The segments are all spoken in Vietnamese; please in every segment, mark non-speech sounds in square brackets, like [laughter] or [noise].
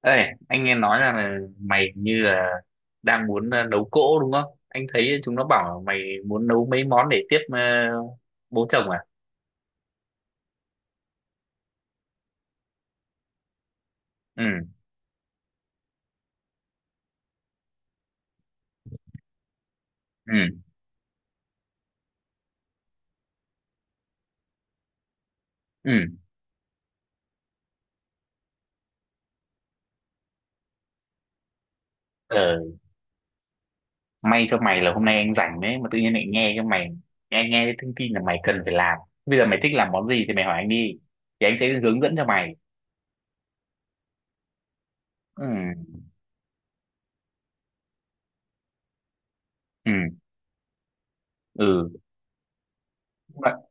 Ê, anh nghe nói rằng là mày như là đang muốn nấu cỗ đúng không? Anh thấy chúng nó bảo mày muốn nấu mấy món để tiếp bố chồng à? Ừ, ừ, ừ. Ờ, may cho mày là hôm nay anh rảnh đấy mà tự nhiên lại nghe cái mày nghe nghe cái thông tin là mày cần phải làm. Bây giờ mày thích làm món gì thì mày hỏi anh đi. Thì anh sẽ hướng dẫn cho mày. Ừ, ừ, ừ.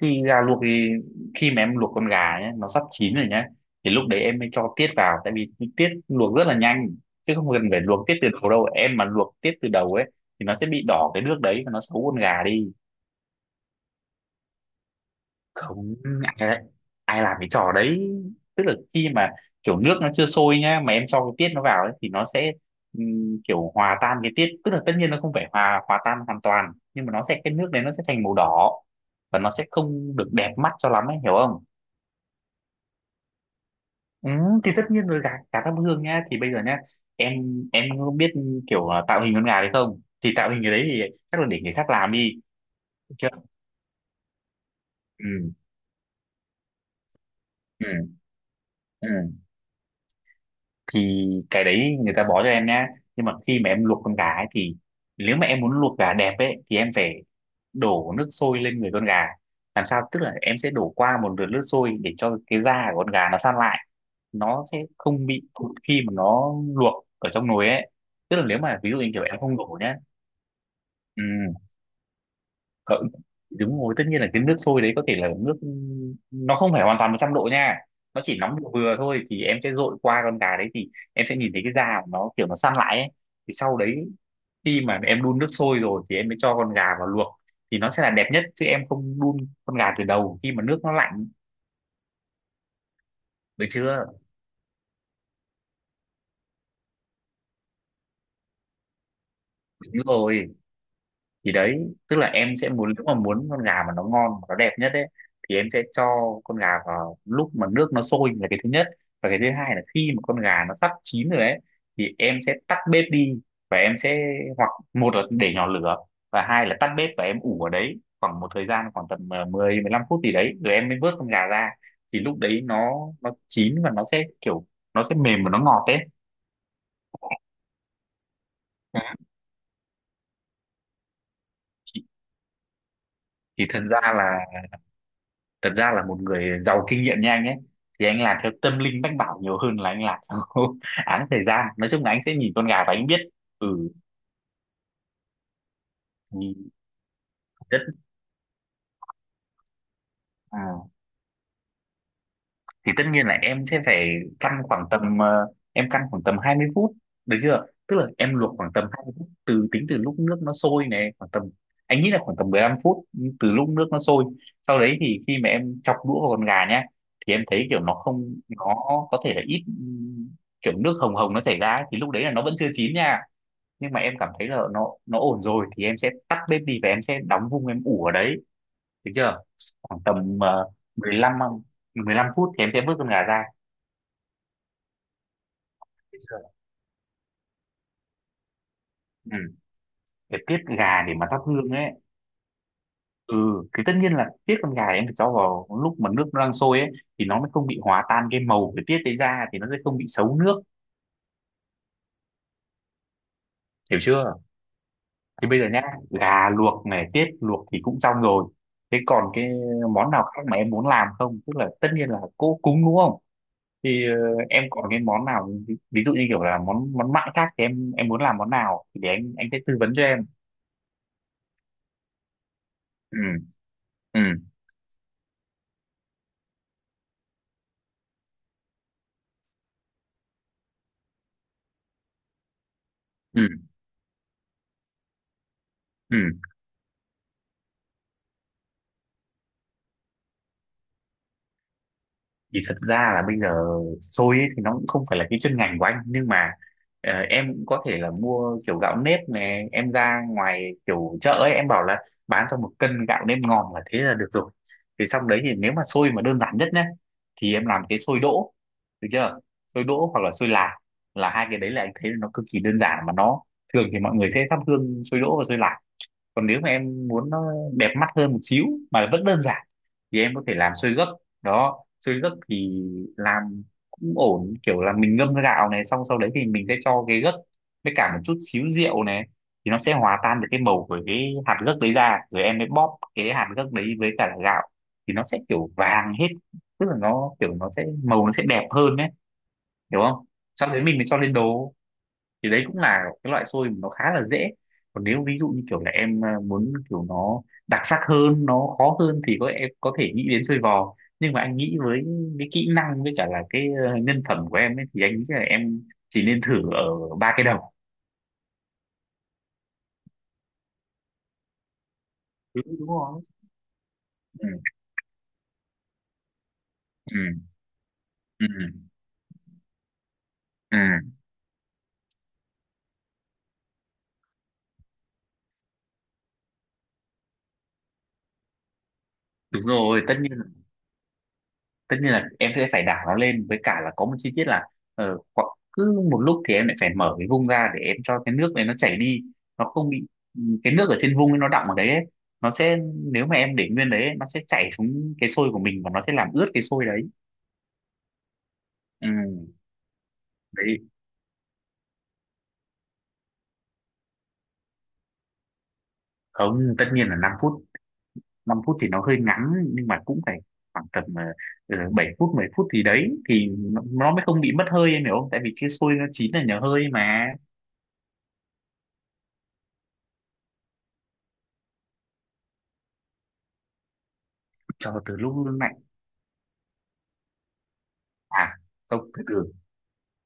Thì gà luộc thì khi mà em luộc con gà nhé, nó sắp chín rồi nhé, thì lúc đấy em mới cho tiết vào, tại vì tiết luộc rất là nhanh, chứ không cần phải luộc tiết từ đầu đâu em. Mà luộc tiết từ đầu ấy thì nó sẽ bị đỏ cái nước đấy và nó xấu con gà đi. Không, ai, ai làm cái trò đấy. Tức là khi mà kiểu nước nó chưa sôi nhá mà em cho cái tiết nó vào ấy, thì nó sẽ kiểu hòa tan cái tiết, tức là tất nhiên nó không phải hòa hòa tan hoàn toàn, nhưng mà nó sẽ cái nước đấy nó sẽ thành màu đỏ và nó sẽ không được đẹp mắt cho lắm ấy, hiểu không? Ừ, thì tất nhiên rồi, gà gà thắp hương nhá. Thì bây giờ nhá, em em không biết kiểu tạo hình con gà hay không, thì tạo hình cái đấy thì chắc là để người khác làm đi, được chưa? Ừ, ừ, ừ. Thì cái đấy người ta bó cho em nhá, nhưng mà khi mà em luộc con gà ấy thì nếu mà em muốn luộc gà đẹp ấy thì em phải đổ nước sôi lên người con gà. Làm sao, tức là em sẽ đổ qua một lượt nước sôi để cho cái da của con gà nó săn lại, nó sẽ không bị cụt khi mà nó luộc ở trong nồi ấy. Tức là nếu mà ví dụ như kiểu em không đổ nhá. Ừ, cỡ- đúng rồi, tất nhiên là cái nước sôi đấy có thể là nước nó không phải hoàn toàn 100 độ nha, nó chỉ nóng vừa vừa thôi, thì em sẽ dội qua con gà đấy, thì em sẽ nhìn thấy cái da của nó kiểu nó săn lại ấy. Thì sau đấy khi mà em đun nước sôi rồi thì em mới cho con gà vào luộc, thì nó sẽ là đẹp nhất, chứ em không đun con gà từ đầu khi mà nước nó lạnh, được chưa? Đúng rồi, thì đấy, tức là em sẽ muốn, nếu mà muốn con gà mà nó ngon mà nó đẹp nhất ấy, thì em sẽ cho con gà vào lúc mà nước nó sôi là cái thứ nhất. Và cái thứ hai là khi mà con gà nó sắp chín rồi ấy, thì em sẽ tắt bếp đi và em sẽ hoặc một là để nhỏ lửa và hai là tắt bếp và em ủ ở đấy khoảng một thời gian, khoảng tầm ờ, 10 15 phút gì đấy rồi em mới vớt con gà ra. Thì lúc đấy nó chín và nó sẽ kiểu nó sẽ mềm và nó ngọt ấy. Ừ. thì, thì thật ra là một người giàu kinh nghiệm như anh ấy, thì anh làm theo tâm linh mách bảo nhiều hơn là anh làm theo [laughs] án thời gian. Nói chung là anh sẽ nhìn con gà và anh biết. Ừ, nhìn rất. à, thì tất nhiên là em sẽ phải căn khoảng tầm em căn khoảng tầm 20 phút, được chưa? Tức là em luộc khoảng tầm 20 phút từ, tính từ lúc nước nó sôi này, khoảng tầm, anh nghĩ là khoảng tầm 15 phút từ lúc nước nó sôi. Sau đấy thì khi mà em chọc đũa vào con gà nhá, thì em thấy kiểu nó không, nó có thể là ít kiểu nước hồng hồng nó chảy ra ấy, thì lúc đấy là nó vẫn chưa chín nha. Nhưng mà em cảm thấy là nó ổn rồi thì em sẽ tắt bếp đi và em sẽ đóng vung em ủ ở đấy, được chưa? Khoảng tầm mười lăm mười lăm phút thì em sẽ vớt con gà ra. Biết chưa? Ừ. Để tiết gà để mà thắp hương ấy. Ừ, thì tất nhiên là tiết con gà em phải cho vào lúc mà nước nó đang sôi ấy, thì nó mới không bị hòa tan cái màu của tiết đấy ra, thì nó sẽ không bị xấu nước, hiểu chưa? Thì bây giờ nhá, gà luộc này, tiết luộc thì cũng xong rồi, thế còn cái món nào khác mà em muốn làm không? Tức là tất nhiên là cỗ cúng đúng không, thì em còn cái món nào ví dụ như kiểu là món món mặn khác thì em muốn làm món nào thì để anh sẽ tư vấn cho em. Ừ, ừ, ừ, ừ. Thì thật ra là bây giờ xôi ấy thì nó cũng không phải là cái chuyên ngành của anh, nhưng mà em cũng có thể là mua kiểu gạo nếp này, em ra ngoài kiểu chợ ấy, em bảo là bán cho một cân gạo nếp ngon là thế là được rồi. Thì xong đấy thì nếu mà xôi mà đơn giản nhất nhé, thì em làm cái xôi đỗ, được chưa? Xôi đỗ hoặc là xôi lạc là hai cái đấy là anh thấy nó cực kỳ đơn giản mà nó, thường thì mọi người sẽ thắp hương xôi đỗ và xôi lạc. Còn nếu mà em muốn nó đẹp mắt hơn một xíu mà vẫn đơn giản thì em có thể làm sôi gấc. Đó, sôi gấc thì làm cũng ổn, kiểu là mình ngâm gạo này, xong sau đấy thì mình sẽ cho cái gấc với cả một chút xíu rượu này, thì nó sẽ hòa tan được cái màu của cái hạt gấc đấy ra, rồi em mới bóp cái hạt gấc đấy với cả là gạo, thì nó sẽ kiểu vàng hết. Tức là nó kiểu nó sẽ màu, nó sẽ đẹp hơn đấy, hiểu không? Sau đấy mình mới cho lên đồ. Thì đấy cũng là cái loại xôi mà nó khá là dễ. Còn nếu ví dụ như kiểu là em muốn kiểu nó đặc sắc hơn, nó khó hơn, thì có em có thể nghĩ đến xôi vò. Nhưng mà anh nghĩ với cái kỹ năng với cả là cái nhân phẩm của em ấy, thì anh nghĩ là em chỉ nên thử ở ba cái đầu. Đúng, đúng rồi. Ừ, ừ, ừ, ừ. Đúng rồi, tất nhiên, tất nhiên là em sẽ phải đảo nó lên, với cả là có một chi tiết là khoảng cứ một lúc thì em lại phải mở cái vung ra để em cho cái nước này nó chảy đi, nó không bị, ừ, cái nước ở trên vung ấy nó đọng ở đấy ấy, nó sẽ, nếu mà em để nguyên đấy ấy, nó sẽ chảy xuống cái sôi của mình và nó sẽ làm ướt cái sôi đấy. Ừ, đấy. Không, tất nhiên là 5 phút, 5 phút thì nó hơi ngắn, nhưng mà cũng phải khoảng tầm 7 phút, 10 phút, thì đấy thì nó mới không bị mất hơi, em hiểu không? Tại vì cái sôi nó chín là nhờ hơi mà. Cho từ lúc lạnh. à Không, từ từ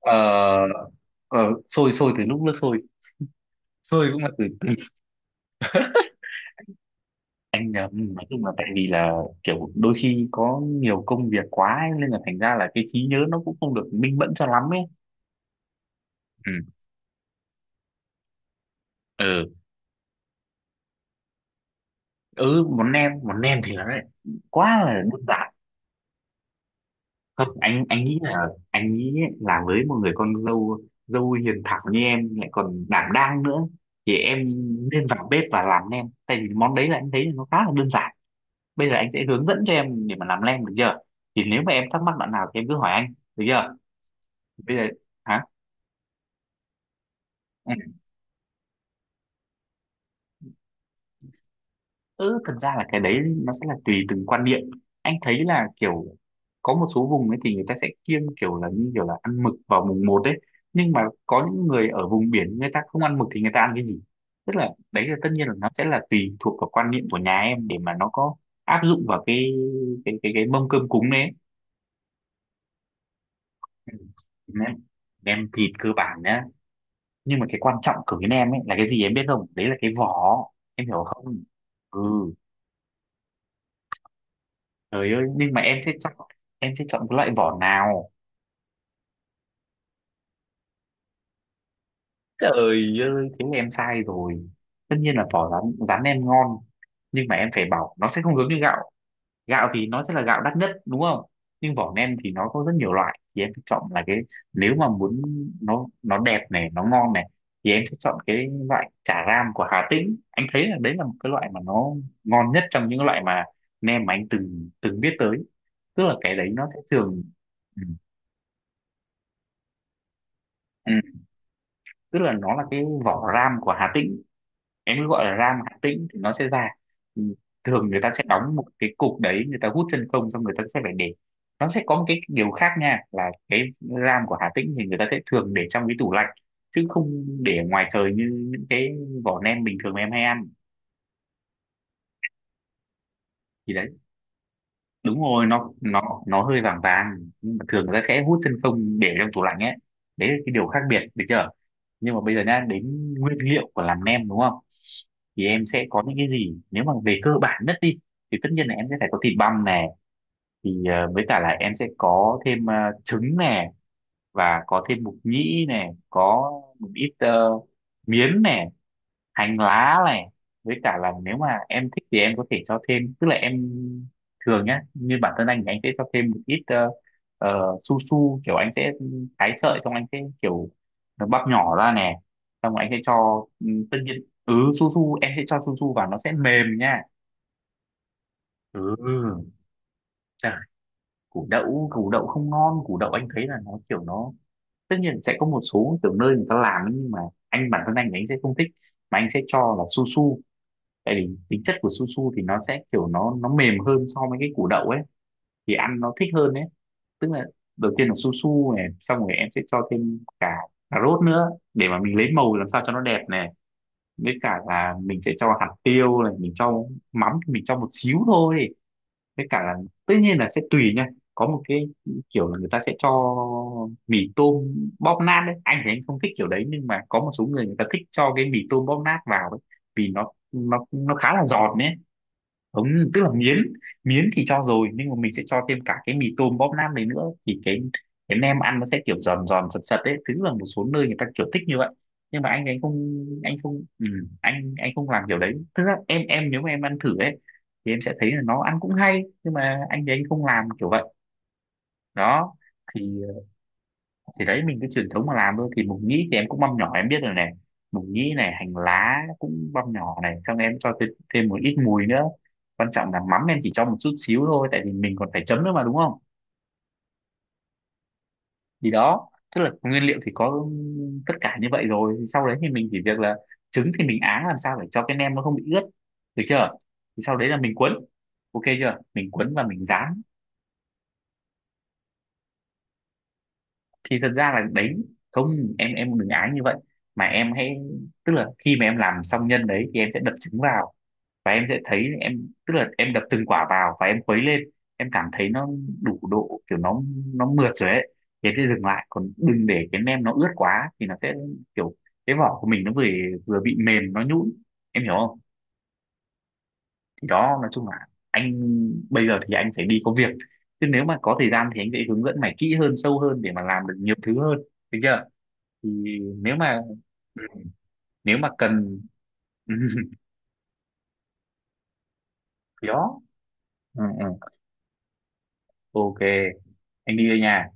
ờ ờ, sôi, sôi từ lúc nước sôi. Sôi cũng là từ. Anh nhầm, nói chung là tại vì là kiểu đôi khi có nhiều công việc quá ấy, nên là thành ra là cái trí nhớ nó cũng không được minh mẫn cho lắm ấy. Ừ, ừ. Ừ, món nem, món nem thì nó lại quá là đơn giản. Thật, anh nghĩ là anh nghĩ ấy, là với một người con dâu, dâu hiền thảo như em lại còn đảm đang nữa, thì em nên vào bếp và làm nem, tại vì món đấy là em thấy là nó khá là đơn giản. Bây giờ anh sẽ hướng dẫn cho em để mà làm lem, được chưa? Thì nếu mà em thắc mắc đoạn nào thì em cứ hỏi anh, được chưa? Bây giờ, hả? Ừ. Ừ, thật ra là cái đấy nó sẽ là tùy từng quan niệm. Anh thấy là kiểu có một số vùng ấy thì người ta sẽ kiêng kiểu là như kiểu là ăn mực vào mùng một ấy, nhưng mà có những người ở vùng biển người ta không ăn mực thì người ta ăn cái gì. Tức là đấy là tất nhiên là nó sẽ là tùy thuộc vào quan niệm của nhà em để mà nó có áp dụng vào cái mâm cơm cúng đấy ấy. Ừ. Em nem thịt cơ bản nhá, nhưng mà cái quan trọng của bên em ấy là cái gì em biết không, đấy là cái vỏ. Em hiểu không? Ừ, trời ơi, nhưng mà em sẽ chọn, em sẽ chọn cái loại vỏ nào? Trời ơi, thế là em sai rồi. Tất nhiên là vỏ rán rán em ngon, nhưng mà em phải bảo nó sẽ không giống như gạo. Gạo thì nó sẽ là gạo đắt nhất đúng không, nhưng vỏ nem thì nó có rất nhiều loại. Thì em sẽ chọn là cái, nếu mà muốn nó đẹp này nó ngon này, thì em sẽ chọn cái loại chả ram của Hà Tĩnh. Anh thấy là đấy là một cái loại mà nó ngon nhất trong những loại mà nem mà anh từng từng biết tới. Tức là cái đấy nó sẽ thường, ừ, ừ, tức là nó là cái vỏ ram của Hà Tĩnh. Em cứ gọi là ram Hạt Tĩnh thì nó sẽ ra. Ừ, thường người ta sẽ đóng một cái cục đấy, người ta hút chân không, xong người ta sẽ phải để. Nó sẽ có một cái điều khác nha, là cái ram của Hà Tĩnh thì người ta sẽ thường để trong cái tủ lạnh chứ không để ngoài trời như những cái vỏ nem bình thường mà em hay ăn. Thì đấy, đúng rồi, nó nó hơi vàng vàng. Nhưng mà thường người ta sẽ hút chân không để trong tủ lạnh ấy, đấy là cái điều khác biệt được chưa. Nhưng mà bây giờ nhá, đến nguyên liệu của làm nem đúng không, thì em sẽ có những cái gì nếu mà về cơ bản nhất đi. Thì tất nhiên là em sẽ phải có thịt băm nè, thì với cả là em sẽ có thêm trứng nè, và có thêm mục nhĩ nè, có một ít miến nè, hành lá này. Với cả là nếu mà em thích thì em có thể cho thêm, tức là em thường nhá, như bản thân anh thì anh sẽ cho thêm một ít su su. Kiểu anh sẽ thái sợi, xong anh sẽ kiểu nó bắp nhỏ ra nè, xong rồi anh sẽ cho, ừ, tất nhiên. Ừ, su su em sẽ cho su su vào nó sẽ mềm nha. Ừ, củ đậu, củ đậu không ngon, củ đậu anh thấy là nó kiểu nó, tất nhiên sẽ có một số kiểu nơi người ta làm ấy, nhưng mà anh, bản thân anh thì anh sẽ không thích, mà anh sẽ cho là su su. Tại vì tính chất của su su thì nó sẽ kiểu nó mềm hơn so với cái củ đậu ấy, thì ăn nó thích hơn đấy. Tức là đầu tiên là su su này, xong rồi em sẽ cho thêm cả cà rốt nữa để mà mình lấy màu làm sao cho nó đẹp này. Với cả là mình sẽ cho hạt tiêu này, mình cho mắm thì mình cho một xíu thôi. Với cả là tất nhiên là sẽ tùy nha, có một cái kiểu là người ta sẽ cho mì tôm bóp nát đấy. Anh thì anh không thích kiểu đấy, nhưng mà có một số người người ta thích cho cái mì tôm bóp nát vào ấy, vì nó nó khá là giòn đấy. Không, tức là miến, miến thì cho rồi, nhưng mà mình sẽ cho thêm cả cái mì tôm bóp nam này nữa, thì cái nem ăn nó sẽ kiểu giòn giòn sật sật đấy, tức là một số nơi người ta kiểu thích như vậy. Nhưng mà anh không làm kiểu đấy. Thực ra em nếu mà em ăn thử ấy thì em sẽ thấy là nó ăn cũng hay, nhưng mà anh thì anh không làm kiểu vậy đó. Thì đấy, mình cái truyền thống mà làm thôi, thì mộc nhĩ thì em cũng băm nhỏ em biết rồi này, mộc nhĩ này hành lá cũng băm nhỏ này, xong em cho thêm, một ít mùi nữa. Quan trọng là mắm em chỉ cho một chút xíu thôi, tại vì mình còn phải chấm nữa mà đúng không. Thì đó, tức là nguyên liệu thì có tất cả như vậy rồi, sau đấy thì mình chỉ việc là trứng thì mình áng làm sao để cho cái nem nó không bị ướt, được chưa. Thì sau đấy là mình cuốn, ok chưa, mình cuốn và mình rán. Thì thật ra là đấy, không em, em đừng ái như vậy, mà em hãy, tức là khi mà em làm xong nhân đấy thì em sẽ đập trứng vào. Và em sẽ thấy em, tức là em đập từng quả vào và em khuấy lên, em cảm thấy nó đủ độ kiểu nó mượt rồi ấy, thì em sẽ dừng lại. Còn đừng để cái nem nó ướt quá thì nó sẽ kiểu cái vỏ của mình nó vừa, vừa bị mềm nó nhũn, em hiểu không. Thì đó, nói chung là anh, bây giờ thì anh phải đi có việc, chứ nếu mà có thời gian thì anh sẽ hướng dẫn mày kỹ hơn sâu hơn để mà làm được nhiều thứ hơn, được chưa. Thì nếu mà cần [laughs] gió, ừ, ừ. Ok, anh đi đây nha.